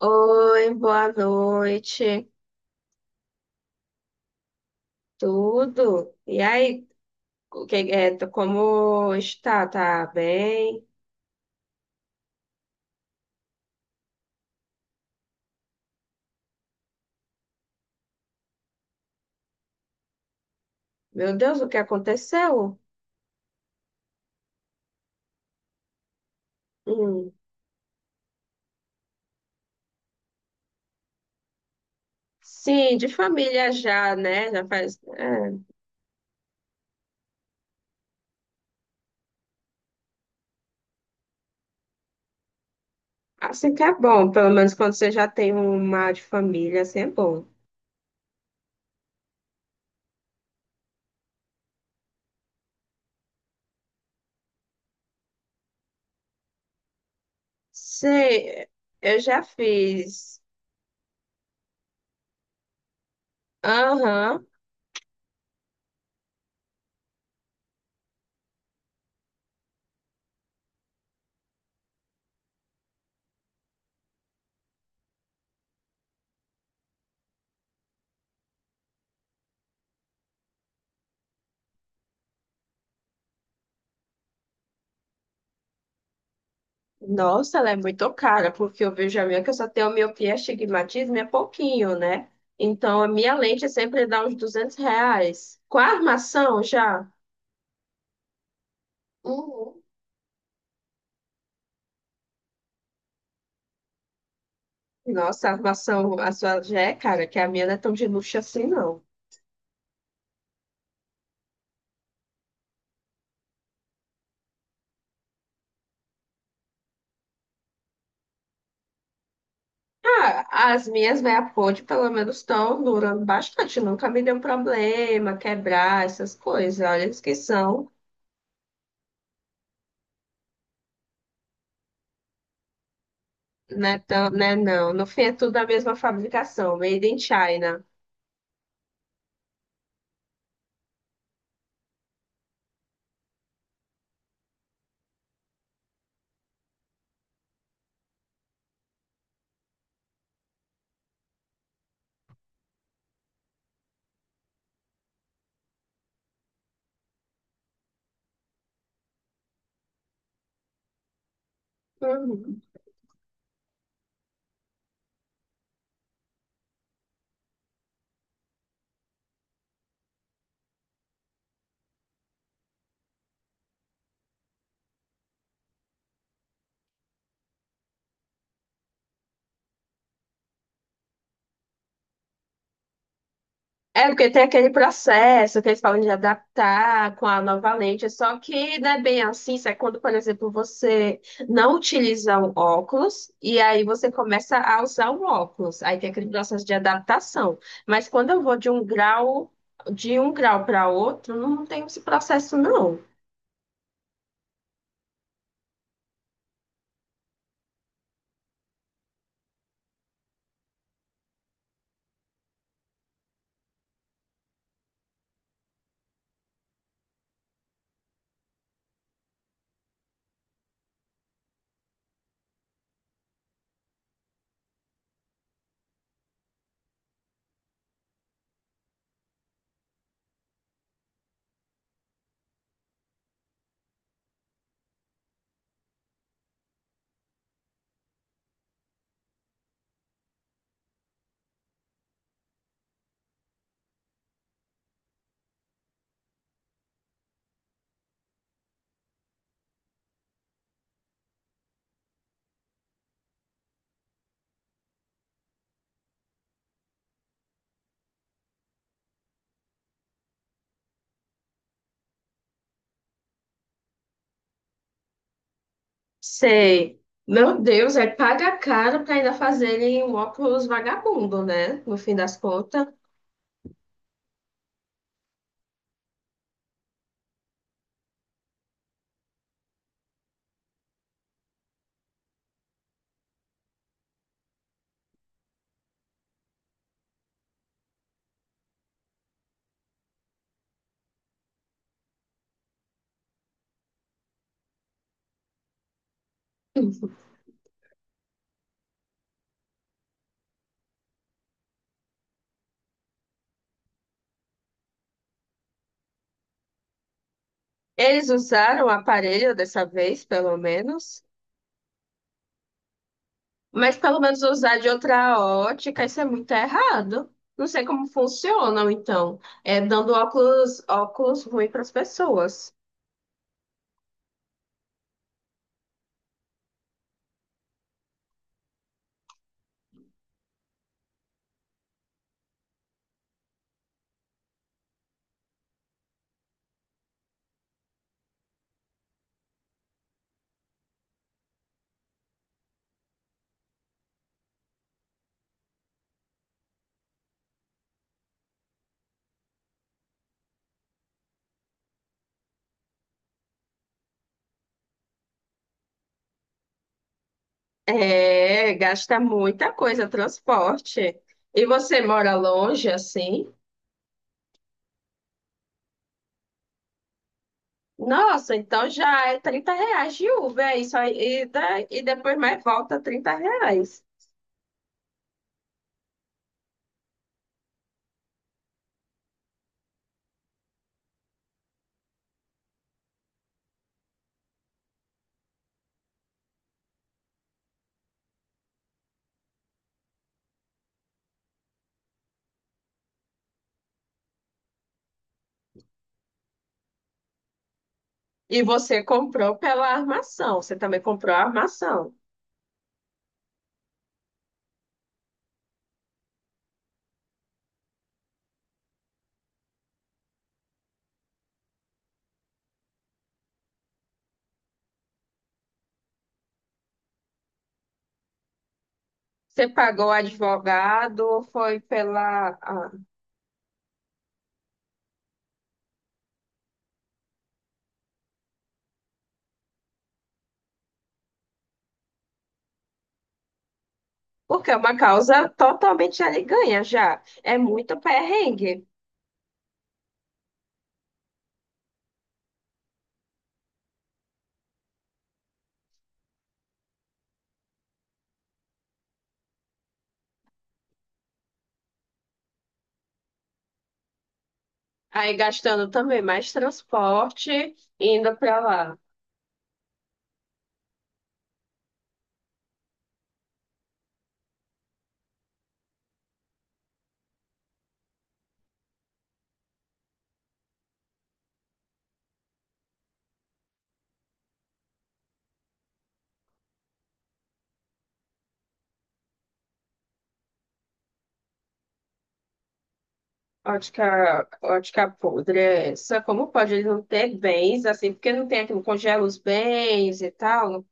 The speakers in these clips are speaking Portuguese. Oi, boa noite. Tudo? E aí, o que é, como está? Tá bem? Meu Deus, o que aconteceu? Hum. Sim, de família já, né? Assim que é bom, pelo menos quando você já tem uma de família, assim é bom. Sei, eu já fiz. Aham. Nossa, ela é muito cara, porque eu vejo a minha que eu só tenho miopia, astigmatismo e é pouquinho, né? Então, a minha lente sempre dá uns R$ 200. Com a armação já? Uhum. Nossa, a armação, a sua já é cara, que a minha não é tão de luxo assim, não. Ah, as minhas meia ponte, pelo menos, estão durando bastante. Nunca me deu problema, quebrar, essas coisas. Olha, eles que são, né, tão, né, não. No fim, é tudo da mesma fabricação, made in China. Uhum. É, porque tem aquele processo que eles falam de adaptar com a nova lente, só que não é bem assim, isso é quando, por exemplo, você não utiliza um óculos e aí você começa a usar um óculos, aí tem aquele processo de adaptação. Mas quando eu vou de um grau para outro, não tem esse processo, não. Sei. Meu Deus, é paga caro para ainda fazerem um óculos vagabundo, né? No fim das contas. Eles usaram o aparelho dessa vez, pelo menos. Mas pelo menos usar de outra ótica, isso é muito errado. Não sei como funcionam, então. É dando óculos, óculos ruim para as pessoas. É, gasta muita coisa, transporte. E você mora longe, assim? Nossa, então já é R$ 30 de Uber, é isso aí, e depois mais volta R$ 30. E você comprou pela armação, você também comprou a armação. Você pagou o advogado ou foi pela, Porque é uma causa totalmente ali ganha já. É muito perrengue. Aí gastando também mais transporte, indo para lá. Ótica, ótica podre é essa. Como pode ele não ter bens, assim, porque não tem aquilo, congela os bens e tal.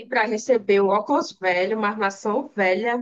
E para receber o óculos velho, uma armação velha.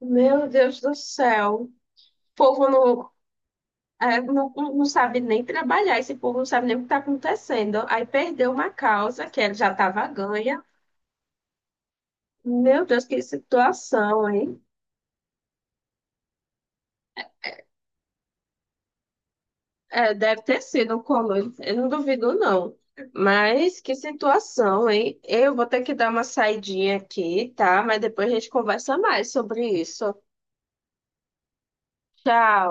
Meu Deus do céu. O povo não, Não sabe nem trabalhar, esse povo não sabe nem o que está acontecendo. Aí perdeu uma causa que ela já estava ganha. Meu Deus, que situação, hein? É, deve ter sido um colo, eu não duvido, não. Mas que situação, hein? Eu vou ter que dar uma saidinha aqui, tá? Mas depois a gente conversa mais sobre isso. Tchau.